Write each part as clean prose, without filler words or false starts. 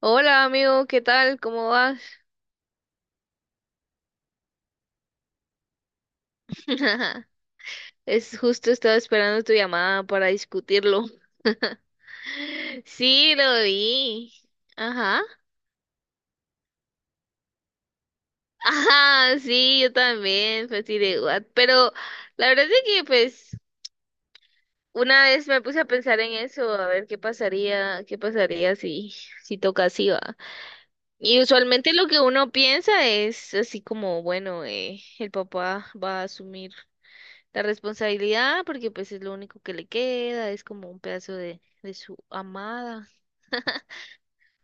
Hola amigo, ¿qué tal? ¿Cómo vas? Es justo estaba esperando tu llamada para discutirlo. Sí, lo vi. Ajá. Ajá, sí, yo también, fue así de what. Pero la verdad es que pues una vez me puse a pensar en eso, a ver qué pasaría si toca así, va. Y usualmente lo que uno piensa es así como, bueno, el papá va a asumir la responsabilidad, porque pues es lo único que le queda, es como un pedazo de su amada,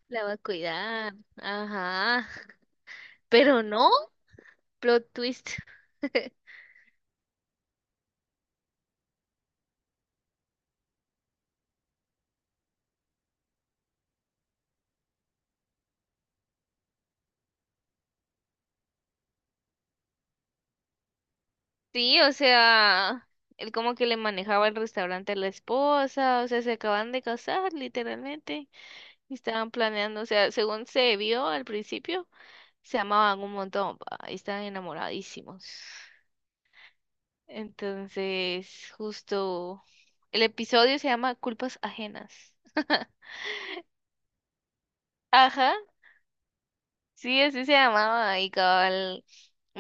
la va a cuidar, ajá. Pero no, plot twist. Sí, o sea, él como que le manejaba el restaurante a la esposa, o sea, se acaban de casar literalmente y estaban planeando, o sea, según se vio al principio, se amaban un montón, pa, y estaban enamoradísimos. Entonces, justo el episodio se llama Culpas Ajenas. Ajá, sí, así se llamaba y cabal.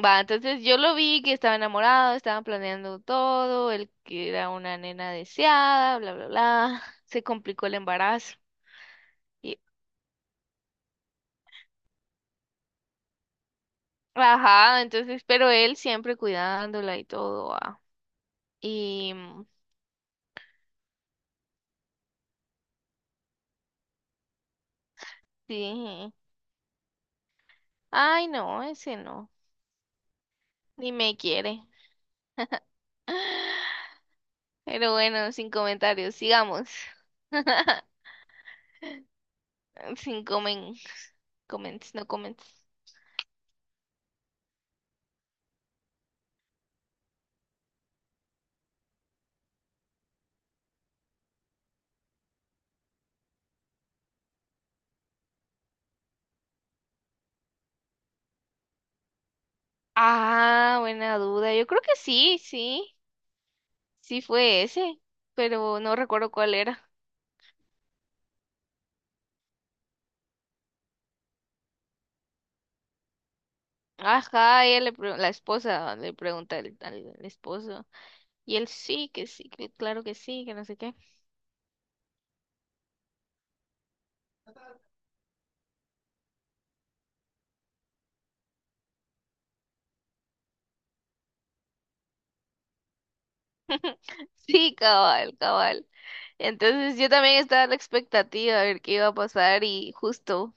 Va, entonces yo lo vi que estaba enamorado, estaban planeando todo, él que era una nena deseada, bla, bla, bla. Se complicó el embarazo. Y, ajá, entonces, pero él siempre cuidándola y todo, ah. Y mm, sí, ay, no, ese no, ni me quiere. Pero bueno, sin comentarios, sigamos. Sin comen, comments, no comments. Ah, buena duda. Yo creo que sí, sí. Sí fue ese, pero no recuerdo cuál era. Ajá, la esposa le pregunta al esposo. Y él sí, que claro que sí, que no sé qué. Sí, cabal, cabal. Entonces yo también estaba a la expectativa a ver qué iba a pasar y justo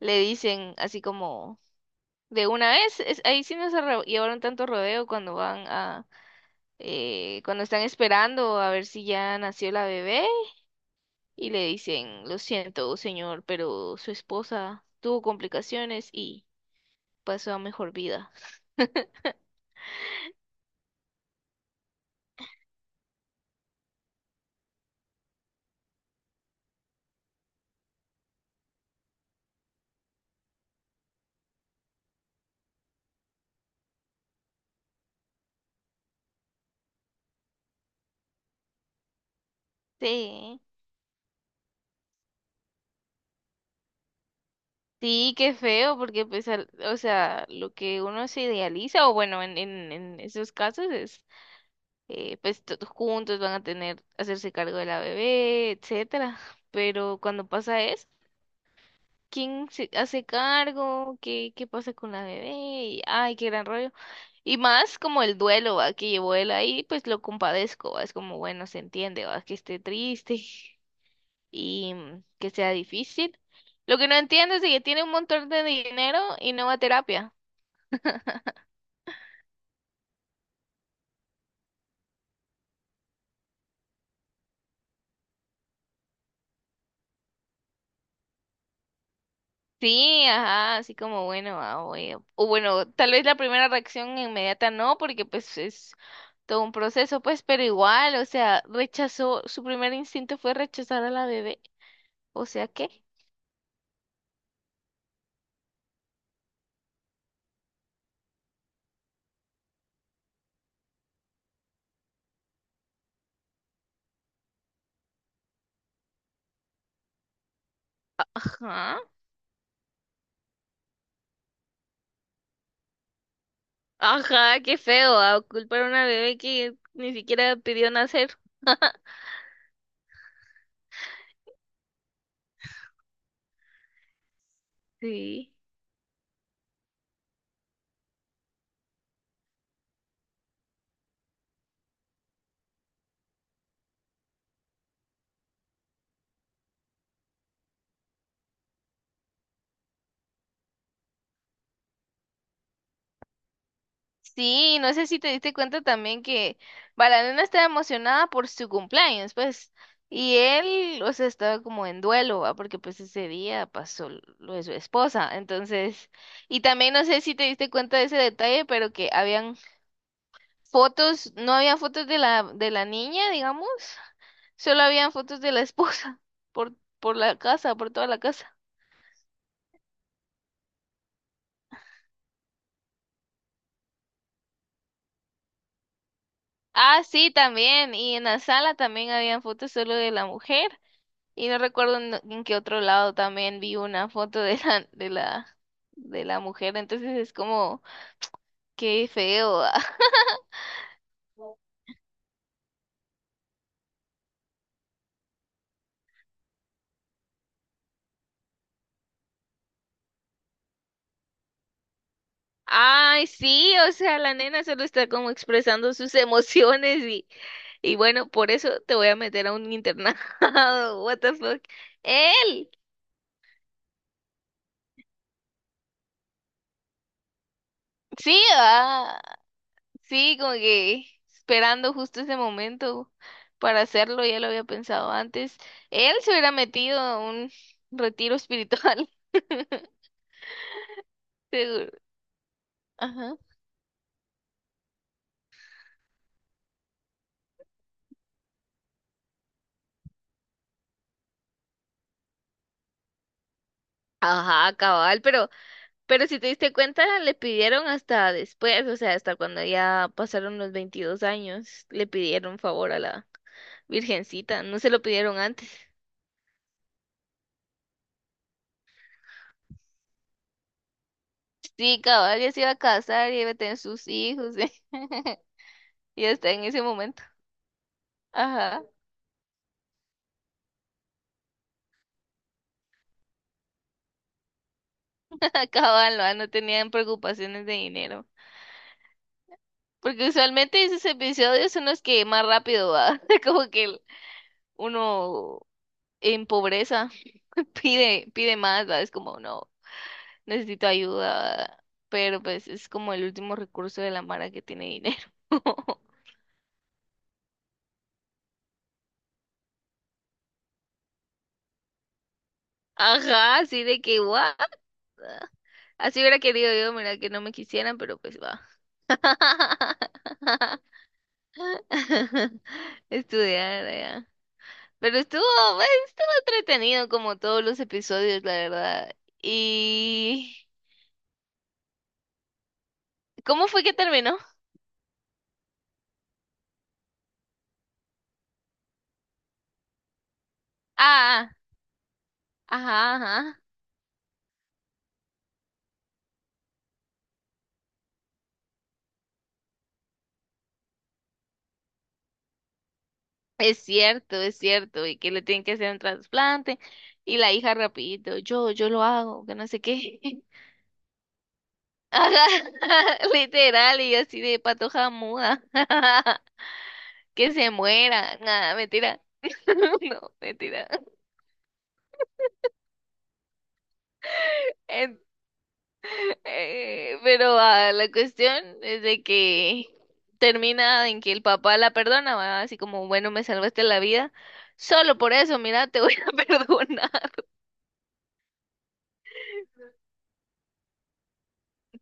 le dicen así como de una vez, ahí sí no llevaron tanto rodeo cuando van a cuando están esperando a ver si ya nació la bebé y le dicen, lo siento, señor, pero su esposa tuvo complicaciones y pasó a mejor vida. Sí. Sí, qué feo, porque pues, o sea, lo que uno se idealiza, o bueno, en esos casos es, pues todos juntos van a tener, hacerse cargo de la bebé, etcétera. Pero cuando pasa eso, ¿quién se hace cargo? ¿Qué pasa con la bebé? Y, ay, qué gran rollo. Y más como el duelo, va, que llevó él ahí, pues lo compadezco, va, es como, bueno, se entiende, va, que esté triste y, que sea difícil. Lo que no entiendo es de que tiene un montón de dinero y no va a terapia. Sí, ajá, así como, bueno, va, o bueno, tal vez la primera reacción inmediata no, porque pues es todo un proceso, pues, pero igual, o sea, rechazó, su primer instinto fue rechazar a la bebé, o sea, ¿qué? Ajá. Ajá, qué feo, a culpar a una bebé que ni siquiera pidió nacer. Sí. Sí, no sé si te diste cuenta también que Balanena estaba emocionada por su cumpleaños, pues, y él, o sea, estaba como en duelo, ¿va? Porque pues ese día pasó lo de su esposa, entonces, y también no sé si te diste cuenta de ese detalle, pero que habían fotos, no había fotos de la niña, digamos, solo habían fotos de la esposa por, por la casa, por toda la casa. Ah, sí, también. Y en la sala también habían fotos solo de la mujer. Y no recuerdo en qué otro lado también vi una foto de la mujer. Entonces es como, qué feo. Ay, sí, o sea, la nena solo está como expresando sus emociones y bueno, por eso te voy a meter a un internado. What the fuck. Él. Sí, ah. Sí, como que esperando justo ese momento para hacerlo, ya lo había pensado antes. Él se hubiera metido a un retiro espiritual, seguro. Ajá. Ajá, cabal, pero si te diste cuenta, le pidieron hasta después, o sea, hasta cuando ya pasaron los 22 años, le pidieron favor a la virgencita, no se lo pidieron antes. Sí, cabal, ya se iba a casar y iba a tener sus hijos, y hasta en ese momento. Ajá. Acaban, no tenían preocupaciones de dinero. Porque usualmente esos episodios son los que más rápido va. Como que uno en pobreza pide, pide más, ¿va? Es como, no, necesito ayuda. Pero pues es como el último recurso de la mara que tiene dinero. Ajá, así de que, what? Así hubiera querido yo, mira, que no me quisieran, pero pues va. Estudiar. Pero estuvo, bueno, estuvo entretenido como todos los episodios, la verdad. ¿Y cómo fue que terminó? Ah, ajá, ajá. Es cierto, es cierto. Y que le tienen que hacer un trasplante. Y la hija rapidito, yo lo hago, que no sé qué. Ajá, literal, y así de patoja muda. Que se muera. Nada, mentira. No, mentira. Pero ah, la cuestión es de que termina en que el papá la perdona, ¿va? Así como, bueno, me salvaste la vida. Solo por eso, mira, te voy a perdonar.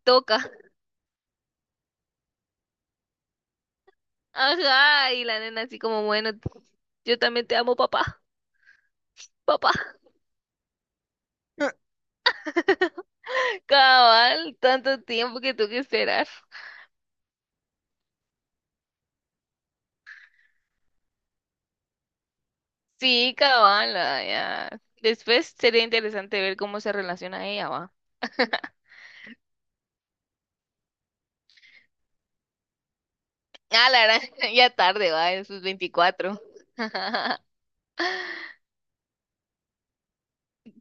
Toca. Ajá, y la nena así como, bueno, yo también te amo, papá, papá. Cabal, tanto tiempo que tuve que esperar. Sí, cabal, ah, ya. Después sería interesante ver cómo se relaciona ella, va. Ah, la verdad, ya tarde, va, en sus 24.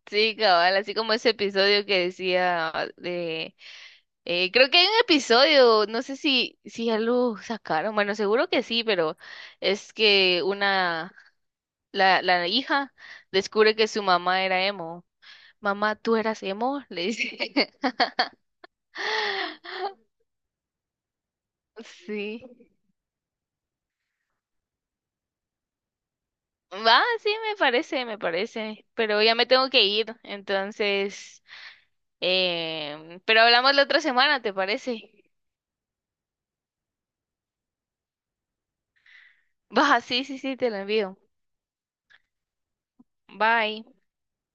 Sí, cabal, así como ese episodio que decía de... creo que hay un episodio, no sé si ya lo sacaron, bueno, seguro que sí, pero es que la hija descubre que su mamá era emo. Mamá, ¿tú eras emo? Le dice. Sí. Va, sí, me parece, pero ya me tengo que ir, entonces, pero hablamos la otra semana, ¿te parece? Va, sí, sí, sí, te lo envío. Bye.